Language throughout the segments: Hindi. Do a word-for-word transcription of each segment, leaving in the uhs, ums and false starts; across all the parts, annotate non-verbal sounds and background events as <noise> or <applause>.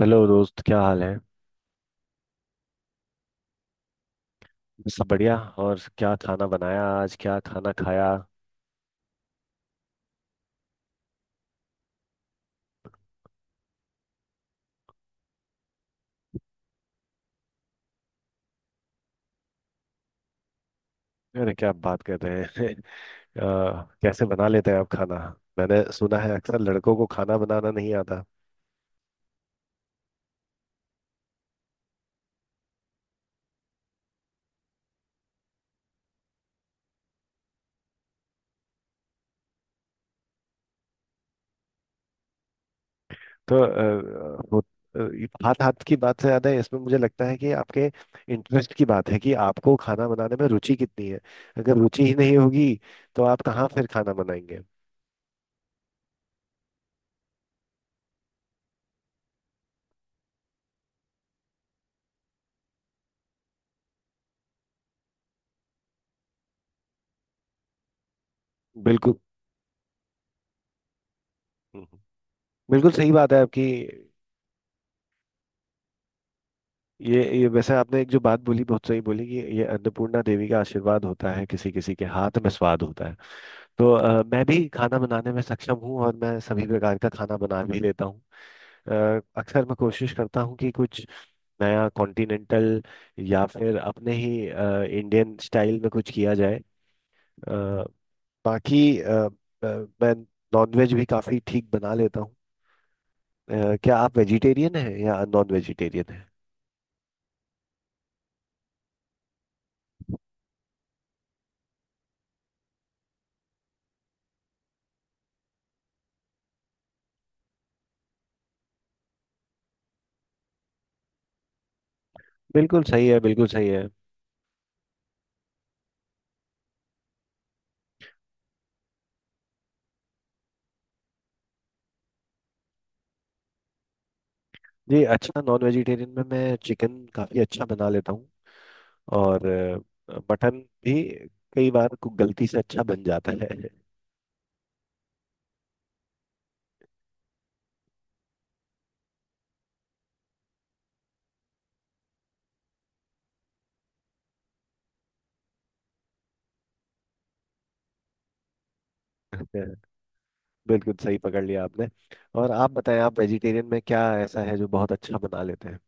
हेलो दोस्त, क्या हाल है। सब बढ़िया। और क्या खाना बनाया, आज क्या खाना खाया। अरे क्या बात कर रहे हैं। <laughs> अ, कैसे बना लेते हैं आप खाना। मैंने सुना है अक्सर लड़कों को खाना बनाना नहीं आता। तो अ, वो अ, हाथ हाथ की बात से ज्यादा इसमें मुझे लगता है कि आपके इंटरेस्ट की बात है कि आपको खाना बनाने में रुचि कितनी है। अगर रुचि ही नहीं होगी तो आप कहाँ फिर खाना बनाएंगे। बिल्कुल। बिल्कुल सही बात है आपकी। ये ये वैसे आपने एक जो बात बोली बहुत सही बोली कि ये अन्नपूर्णा देवी का आशीर्वाद होता है, किसी किसी के हाथ में स्वाद होता है। तो अ, मैं भी खाना बनाने में सक्षम हूँ और मैं सभी प्रकार का खाना बना भी लेता हूँ। अ, अक्सर मैं कोशिश करता हूँ कि कुछ नया कॉन्टिनेंटल या फिर अपने ही अ, इंडियन स्टाइल में कुछ किया जाए। अ, बाकी अ, अ, मैं नॉनवेज भी काफ़ी ठीक बना लेता हूँ। अ, क्या आप वेजिटेरियन हैं या नॉन वेजिटेरियन हैं। बिल्कुल सही है, बिल्कुल सही है। जी अच्छा, नॉन वेजिटेरियन में मैं चिकन काफ़ी अच्छा बना लेता हूँ। और अ, मटन भी कई बार कु- गलती से अच्छा बन जाता है। <laughs> बिल्कुल सही पकड़ लिया आपने। और आप बताएं, आप वेजिटेरियन में क्या ऐसा है जो बहुत अच्छा बना लेते हैं।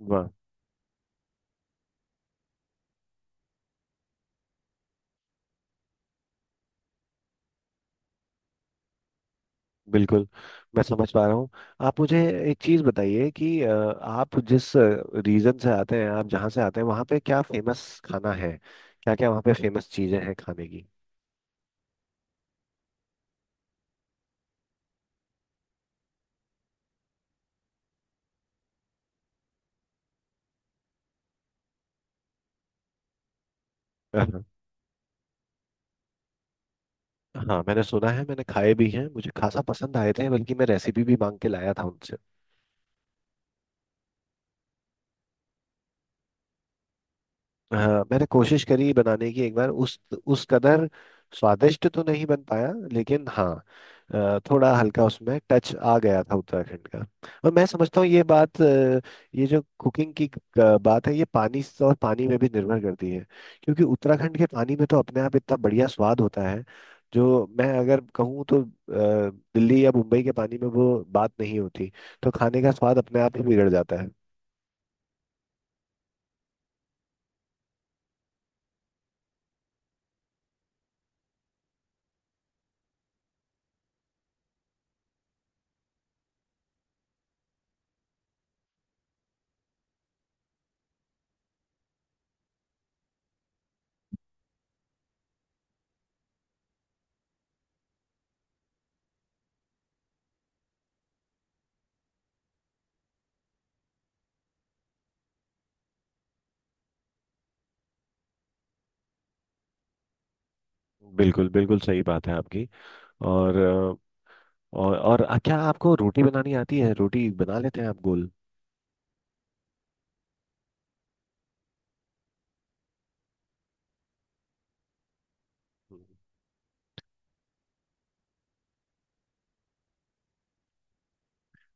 वाह। बिल्कुल, मैं समझ पा रहा हूँ। आप मुझे एक चीज़ बताइए कि अ, आप जिस रीजन से आते हैं, आप जहाँ से आते हैं वहाँ पे क्या फेमस खाना है। क्या क्या वहाँ पे फेमस चीज़ें हैं खाने की। <laughs> हाँ। हाँ, मैंने सुना है, मैंने खाए भी हैं। मुझे खासा पसंद आए थे, बल्कि मैं रेसिपी भी मांग के लाया था। हाँ, मैंने कोशिश करी बनाने की एक बार। उस उस कदर स्वादिष्ट तो नहीं बन पाया, लेकिन हाँ, अ, थोड़ा हल्का उसमें टच आ गया था उत्तराखंड का। और मैं समझता हूँ ये बात अ, ये जो कुकिंग की अ, बात है, ये पानी से और पानी में भी निर्भर करती है। क्योंकि उत्तराखंड के पानी में तो अपने आप इतना बढ़िया स्वाद होता है, जो मैं अगर कहूँ तो अ, दिल्ली या मुंबई के पानी में वो बात नहीं होती। तो खाने का स्वाद अपने आप ही बिगड़ जाता है। बिल्कुल, बिल्कुल सही बात है आपकी। और और और आ, क्या आपको रोटी बनानी आती है, रोटी बना लेते हैं आप गोल।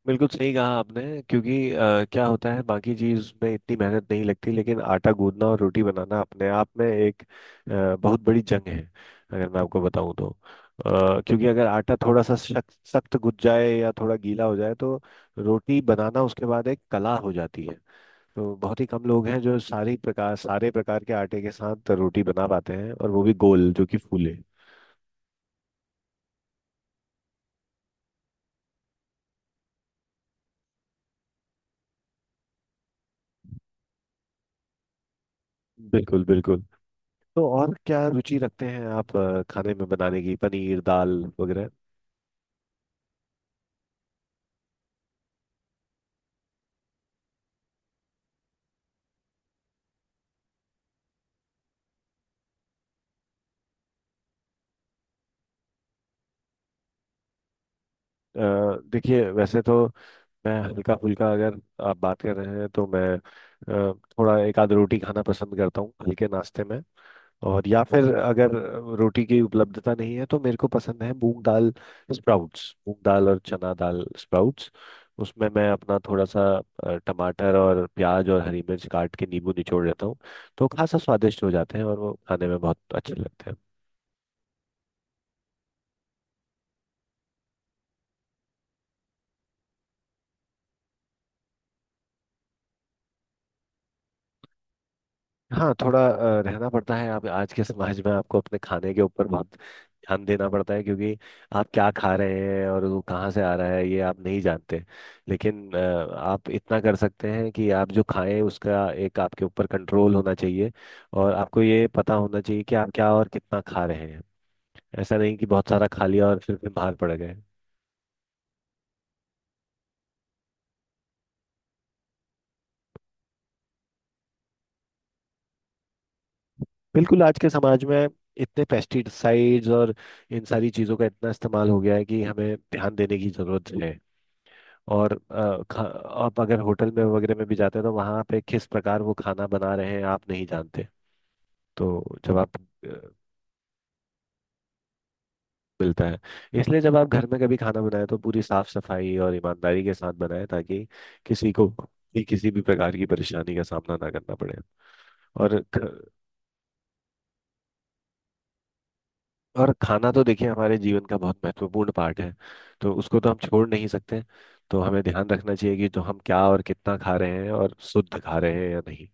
बिल्कुल सही कहा आपने। क्योंकि अ, क्या होता है, बाकी चीज में इतनी मेहनत नहीं लगती, लेकिन आटा गूंदना और रोटी बनाना अपने आप में एक अ, बहुत बड़ी जंग है, अगर मैं आपको बताऊं तो। अ, क्योंकि अगर आटा थोड़ा सा सख्त सख्त गुज जाए या थोड़ा गीला हो जाए तो रोटी बनाना उसके बाद एक कला हो जाती है। तो बहुत ही कम लोग हैं जो सारी प्रकार सारे प्रकार के आटे के साथ रोटी बना पाते हैं, और वो भी गोल जो कि फूले। बिल्कुल, बिल्कुल। तो और क्या रुचि रखते हैं आप अ, खाने में बनाने की, पनीर दाल वगैरह। अ, देखिए, वैसे तो मैं हल्का फुल्का, अगर आप बात कर रहे हैं तो मैं अ, थोड़ा एक आध रोटी खाना पसंद करता हूँ हल्के नाश्ते में। और या फिर अगर रोटी की उपलब्धता नहीं है तो मेरे को पसंद है मूंग दाल स्प्राउट्स, मूंग दाल और चना दाल स्प्राउट्स। उसमें मैं अपना थोड़ा सा अ, टमाटर और प्याज और हरी मिर्च काट के नींबू निचोड़ लेता हूँ। तो खासा स्वादिष्ट हो जाते हैं और वो खाने में बहुत अच्छे लगते हैं। हाँ, थोड़ा अ, रहना पड़ता है। आप आज के समाज में आपको अपने खाने के ऊपर बहुत ध्यान देना पड़ता है। क्योंकि आप क्या खा रहे हैं और वो कहाँ से आ रहा है, ये आप नहीं जानते। लेकिन अ, आप इतना कर सकते हैं कि आप जो खाएं उसका एक आपके ऊपर कंट्रोल होना चाहिए। और आपको ये पता होना चाहिए कि आप क्या और कितना खा रहे हैं। ऐसा नहीं कि बहुत सारा खा लिया और फिर बीमार पड़ गए। बिल्कुल। आज के समाज में इतने पेस्टिसाइड्स और इन सारी चीज़ों का इतना इस्तेमाल हो गया है कि हमें ध्यान देने की जरूरत है। और अ, खा, आप अगर होटल में वगैरह में भी जाते हैं तो वहाँ पे किस प्रकार वो खाना बना रहे हैं आप नहीं जानते। तो जब आप अ, मिलता है। इसलिए जब आप घर में कभी खाना बनाए तो पूरी साफ सफाई और ईमानदारी के साथ बनाए ताकि किसी को भी किसी भी प्रकार की परेशानी का सामना ना करना पड़े। और ख, और खाना तो देखिए हमारे जीवन का बहुत महत्वपूर्ण पार्ट है, तो उसको तो हम छोड़ नहीं सकते। तो हमें ध्यान रखना चाहिए कि जो हम क्या और कितना खा रहे हैं और शुद्ध खा रहे हैं या नहीं।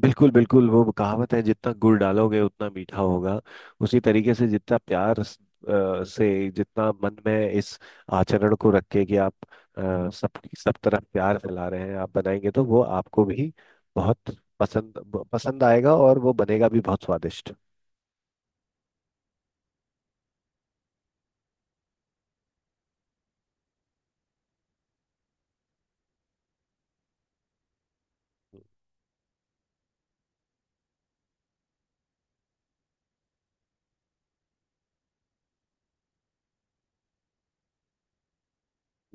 बिल्कुल, बिल्कुल। वो कहावत है, जितना गुड़ डालोगे उतना मीठा होगा। उसी तरीके से जितना प्यार स- अ, से, जितना मन में इस आचरण को रख के कि आप अ, सब सब तरफ प्यार फैला रहे हैं, आप बनाएंगे तो वो आपको भी बहुत पसंद पसंद आएगा और वो बनेगा भी बहुत स्वादिष्ट।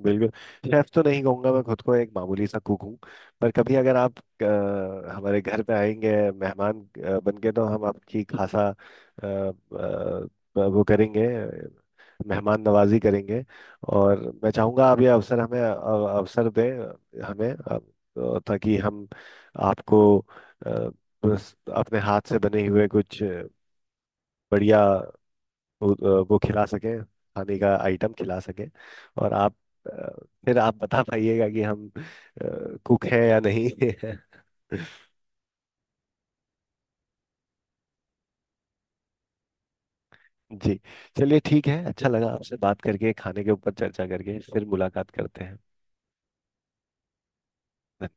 बिल्कुल। शेफ तो नहीं कहूंगा, मैं खुद को एक मामूली सा कुक हूँ। पर कभी अगर आप अ, हमारे घर पे आएंगे मेहमान अ, बन के तो हम आपकी खासा अ, अ, वो करेंगे, मेहमान नवाजी करेंगे। और मैं चाहूंगा आप ये अवसर हमें अ, अवसर दें हमें, अ, ताकि हम आपको अ, बस अपने हाथ से बने हुए कुछ बढ़िया वो वो खिला सकें, खाने का आइटम खिला सकें। और आप अ, फिर आप बता पाइएगा कि हम कुक हैं या नहीं। <laughs> जी, चलिए ठीक है। अच्छा लगा आपसे बात करके, खाने के ऊपर चर्चा करके। फिर मुलाकात करते हैं।